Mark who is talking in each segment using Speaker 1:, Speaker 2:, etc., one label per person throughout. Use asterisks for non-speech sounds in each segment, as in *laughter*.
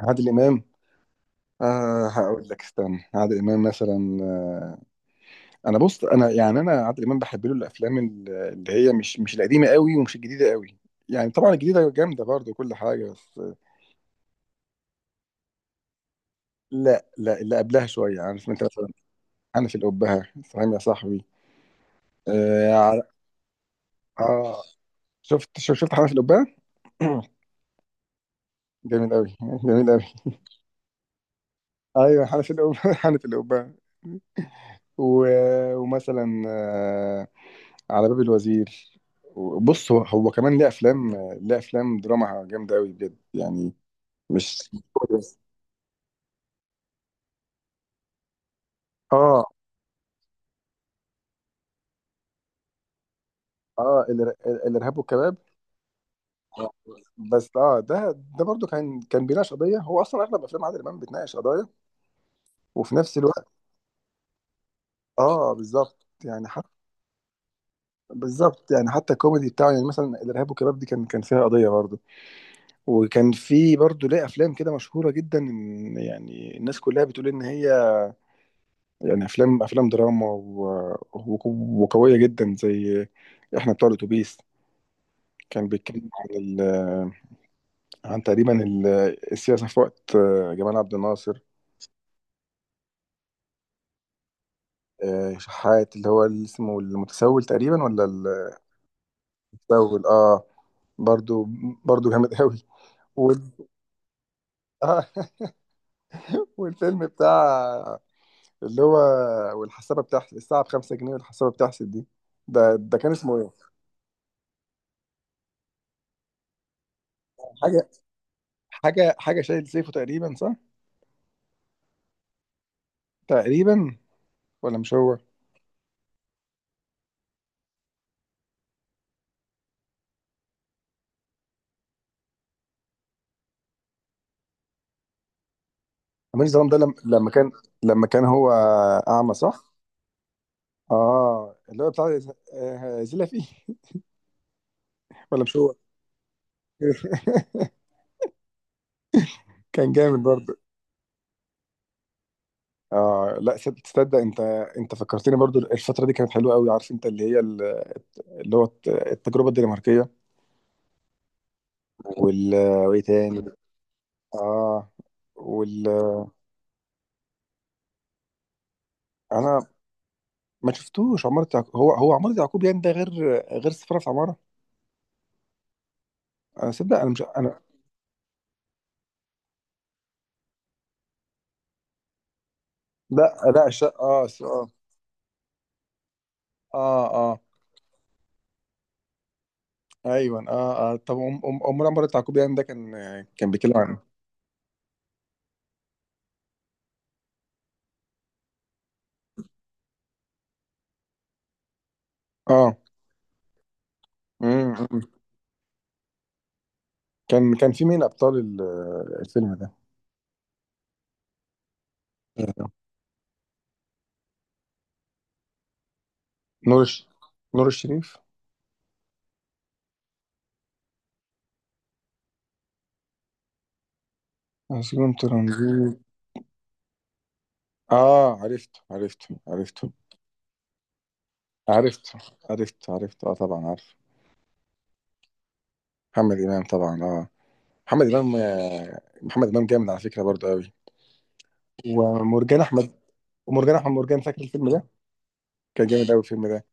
Speaker 1: عادل امام. هقول لك استنى، عادل امام مثلا. آه انا بص انا يعني انا عادل امام بحب له الافلام اللي هي مش القديمه قوي ومش الجديده قوي. يعني طبعا الجديده جامده برضه كل حاجه، بس لا لا، اللي قبلها شويه، عارف انت، مثلا انا في القبه، فاهم يا صاحبي؟ اه, ع- آه شفت حنف القبه. *clears throat* جميل قوي، جميل قوي. ايوه، حنف القبه *laughs* حنف القبه. و- ومثلا على باب الوزير. بص، هو كمان ليه افلام، ليه افلام دراما جامده قوي بجد يعني. مش اه اه الارهاب والكباب. بس اه ده، ده برضو كان بيناقش قضيه. هو اصلا اغلب افلام عادل امام بتناقش قضايا، وفي نفس الوقت، اه بالظبط يعني حتى، بالظبط يعني حتى الكوميدي بتاعه. يعني مثلا الارهاب والكباب دي كان فيها قضيه برضو. وكان في برضو ليه افلام كده مشهوره جدا، إن يعني الناس كلها بتقول ان هي يعني افلام، دراما و… و… وقويه جدا، زي احنا بتوع الاتوبيس. كان بيتكلم عن عن تقريبا السياسه في وقت جمال عبد الناصر. شحات اللي هو اللي اسمه المتسول تقريبا، ولا المتسول؟ اه. برضو، برضو جامد *laughs* قوي وال... آه *laughs* والفيلم بتاع، اللي هو، والحسابه بتاعت الساعه بخمسة جنيه، والحسابه بتحسب دي. ده، ده كان اسمه ايه؟ حاجه حاجه، شايل سيفه تقريبا صح؟ تقريبا، ولا مش هو؟ حميد الظلام ده لما كان، لما كان هو اعمى صح؟ اه اللي هو بتاع زيلا فيه. *laughs* ولا مش هو؟ *laughs* كان جامد برضه. اه لا، تصدق انت، انت فكرتني برضه الفتره دي كانت حلوه قوي، عارف انت، اللي هو التجربه الدنماركيه وال، وايه تاني؟ اه وال، انا ما شفتوش عمارة يعقوب. هو عمارة يعقوب يعني ده غير، غير سفارة في عمارة. انا صدق، انا مش انا. لا لا، الشقة اه اه، اه آه. ايوه اه اه. طب أم- أم- امور عمر التعقوبي ده كان، كان بيتكلم عن اه. أمم، أمم. كان في مين ابطال الفيلم ده؟ آه، نور الش... نور الشريف. عاصم ترنزيت. اه عرفته، عرفته، عرفته. عرفته، عرفته، عرفته اه طبعا عارف. محمد امام طبعا اه. محمد امام، محمد امام جامد على فكره برضه قوي. ومرجان احمد، ومرجان احمد مرجان، فاكر الفيلم ده؟ كان جامد قوي الفيلم ده.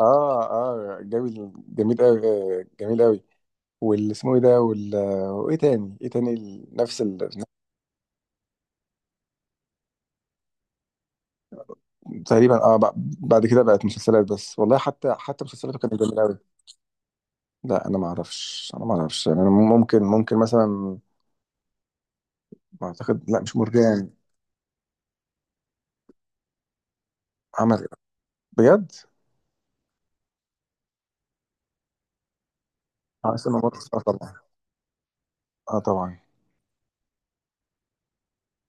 Speaker 1: اه اه جميل، جميل قوي، جميل قوي. واللي اسمه ايه ده، وال… وايه تاني؟ ايه تاني؟ نفس ال… تقريبا اه، بعد كده بقت مسلسلات بس. والله حتى، حتى مسلسلاته كانت جميله قوي. لا انا ما اعرفش، انا ما اعرفش يعني. انا ممكن، ممكن مثلا، ما اعتقد. لا مش مرجان. عمل بجد. اه اسمه مرقص اه طبعا، اه طبعا.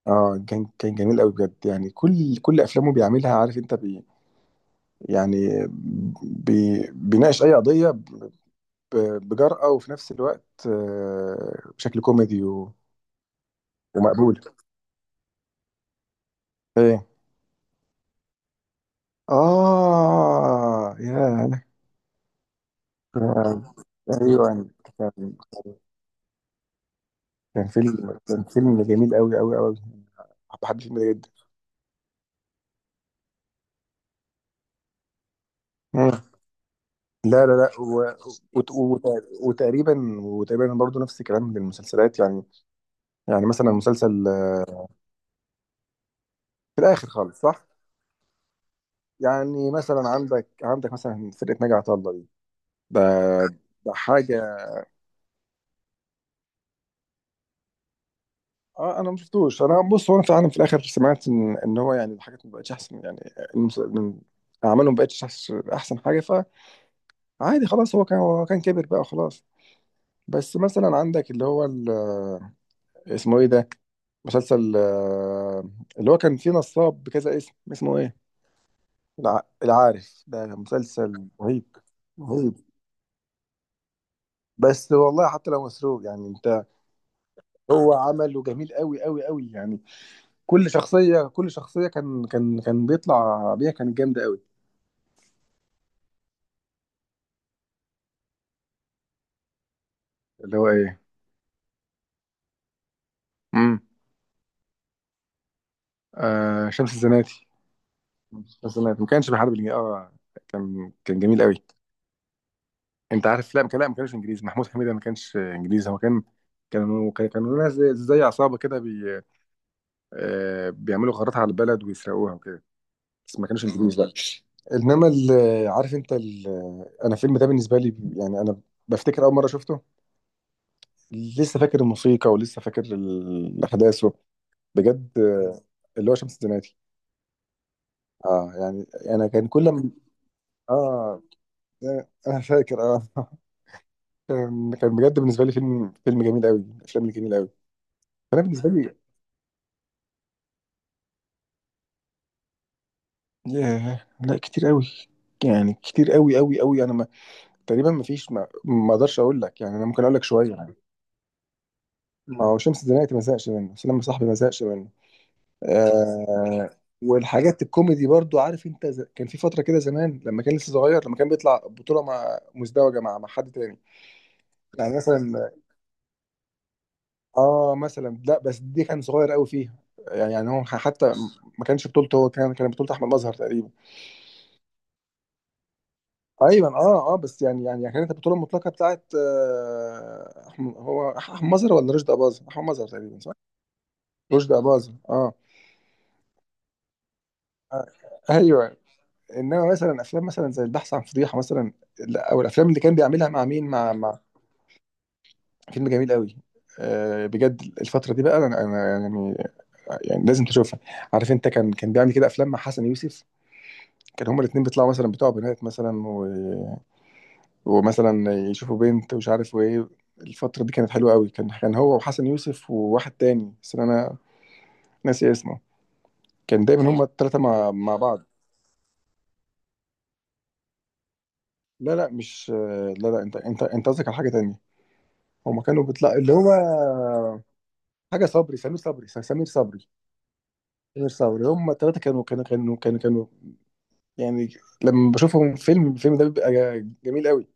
Speaker 1: اه كان، كان جميل قوي بجد يعني. كل افلامه بيعملها، عارف انت، بي يعني، بي بيناقش اي قضيه، بجرأه، وفي نفس الوقت بشكل كوميدي و- ومقبول. ايه؟ آه يا أنا كنت- أيوه أنا، كان، كان فيلم، كان فيلم جميل أوي أوي أوي. بحب الفيلم ده جدا. مم. لا لا لا، و... وت... وت... وتقريبا وتقريبا برضه نفس الكلام للمسلسلات يعني. يعني مثلا مسلسل، في الآخر خالص صح؟ يعني مثلا عندك، عندك مثلا فرقة ناجي عطا الله دي، ده، ده حاجة. اه انا ما شفتوش. انا بص، هو انا فعلا في الاخر سمعت ان هو يعني الحاجات ما بقتش احسن يعني. المس- من- اعمالهم ما بقتش أحسن حاجة. عادي خلاص، هو كان كبر بقى خلاص. بس مثلا عندك اللي هو اسمه ايه ده؟ مسلسل اللي هو كان فيه نصاب بكذا اسم، اسمه ايه؟ العارف ده مسلسل رهيب، رهيب. بس والله حتى لو مسروق يعني انت، هو عمله جميل قوي قوي قوي يعني. كل شخصية، كل شخصية كان بيطلع بيها كانت جامدة قوي. اللي هو ايه، امم، آه شمس الزناتي. شمس الزناتي ما كانش بيحارب اه، كان، كان جميل قوي. انت عارف لا ما كان، لا ما كانش انجليزي. محمود حميده ما كانش انجليزي. هو كان كانوا، كانوا ناس زي، زي عصابه كده، بي بيعملوا غارات على البلد ويسرقوها وكده، بس ما كانوش انجليزي لا. انما عارف انت انا الفيلم ده بالنسبه لي يعني، انا بفتكر اول مره شفته، لسه فاكر الموسيقى ولسه فاكر الاحداث بجد، اللي هو شمس الزناتي. اه يعني، انا كان كل ما، اه انا فاكر اه *laughs* كان، كان بجد بالنسبه لي فيلم، فيلم جميل قوي، الافلام الجميله قوي. فانا بالنسبه لي ياه، لا كتير قوي يعني. كتير قوي قوي قوي. انا ما، تقريبا ما فيش، ما اقدرش اقول لك يعني، انا ممكن اقول لك شويه يعني. ما هو شمس الزناتي ما زهقش منه، سلام يا صاحبي ما زهقش منه. آه، والحاجات الكوميدي برضو عارف انت، كان في فتره كده زمان لما كان لسه صغير، لما كان بيطلع بطوله مع مزدوجه مع، حد تاني. يعني مثلا، اه مثلا، لا بس دي كان صغير قوي فيها، يعني يعني هو حتى ما كانش بطولته هو، كان، كان بطوله احمد مظهر تقريبا. ايوه اه اه. بس يعني، يعني كانت البطوله المطلقه بتاعت آه احمد مظهر، ولا رشدي اباظه؟ احمد مظهر تقريبا صح؟ رشدي اباظه اه. آه، ايوه. انما مثلا افلام مثلا زي البحث عن فضيحه مثلا، لا، او الافلام اللي كان بيعملها مع مين، مع، فيلم جميل قوي، آه بجد. الفتره دي بقى، انا، انا يعني، يعني لازم تشوفها. عارف انت، كان، كان بيعمل كده افلام مع حسن يوسف. كان هما الاثنين بيطلعوا مثلا بتوع بنات مثلا، ومثلا يشوفوا بنت ومش عارف وايه. الفترة دي كانت حلوة قوي، كان، كان هو وحسن يوسف وواحد تاني، بس انا ناسي اسمه. كان دايما هما التلاتة مع بعض. لا لا مش، لا لا انت، انت قصدك على حاجة تانية. هما كانوا بتلاقي اللي هو حاجة، صبري، سمير صبري، سمير صبري. سمير صبري، هما التلاتة كانوا يعني لما بشوفهم في فيلم، الفيلم ده بيبقى جميل قوي.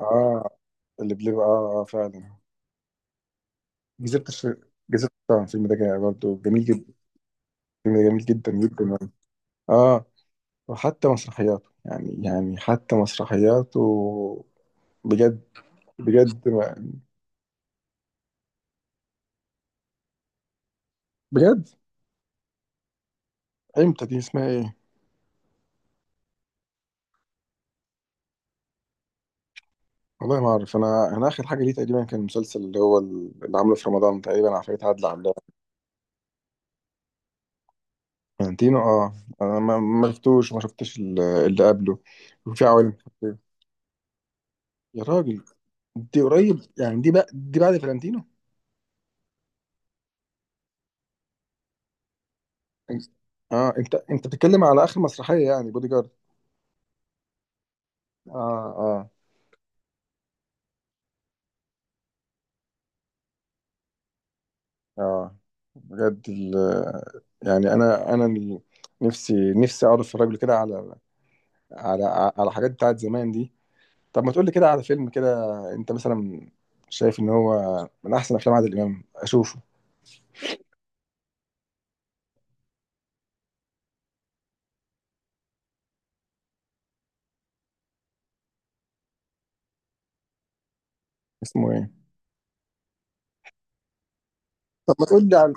Speaker 1: اه، اللي بيبقى اه فعلا. جزيرة الشيطان، الفيلم ده كان برضه جميل جدا، الفيلم ده جميل جدا جدا. اه، وحتى مسرحياته يعني، يعني حتى مسرحياته بجد، بجد ما- بجد، امتى دي؟ اسمها ايه؟ والله ما اعرف. انا، انا اخر حاجه ليه تقريبا كان المسلسل اللي هو اللي عامله في رمضان تقريبا، عفاريت عدل علام. فلانتينو اه، انا ما، ما شفتوش، وما شفتش اللي قبله. وفي عوالم خفية. يا راجل، دي قريب يعني، دي بقى دي بعد فلانتينو. اه انت، انت بتتكلم على اخر مسرحيه يعني، بودي جارد. اه اه اه. بجد ال…، يعني انا، نفسي، نفسي اقعد اتفرج له كده على، على، على حاجات بتاعت زمان دي. طب ما تقول لي كده على فيلم كده، انت مثلا شايف ان هو من احسن افلام عادل امام اشوفه؟ اسمه ايه؟ طب ما تقول لي عن،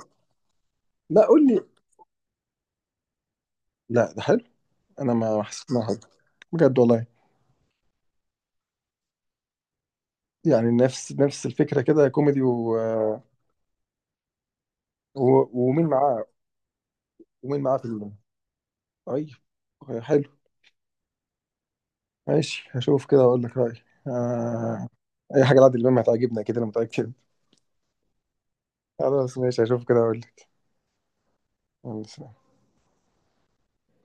Speaker 1: لا قول لي. لا ده حلو؟ انا ما حسيت انه حلو، بجد والله. يعني نفس، نفس الفكره كده، كوميدي و… و… ومين معاه؟ ومين معاه في ال…؟ طيب، حلو. ماشي هشوف كده واقول لك رايي. آه… اي حاجه لعادل امام هتعجبني كده، انا متاكد. خلاص ماشي هشوف كده اقول لك.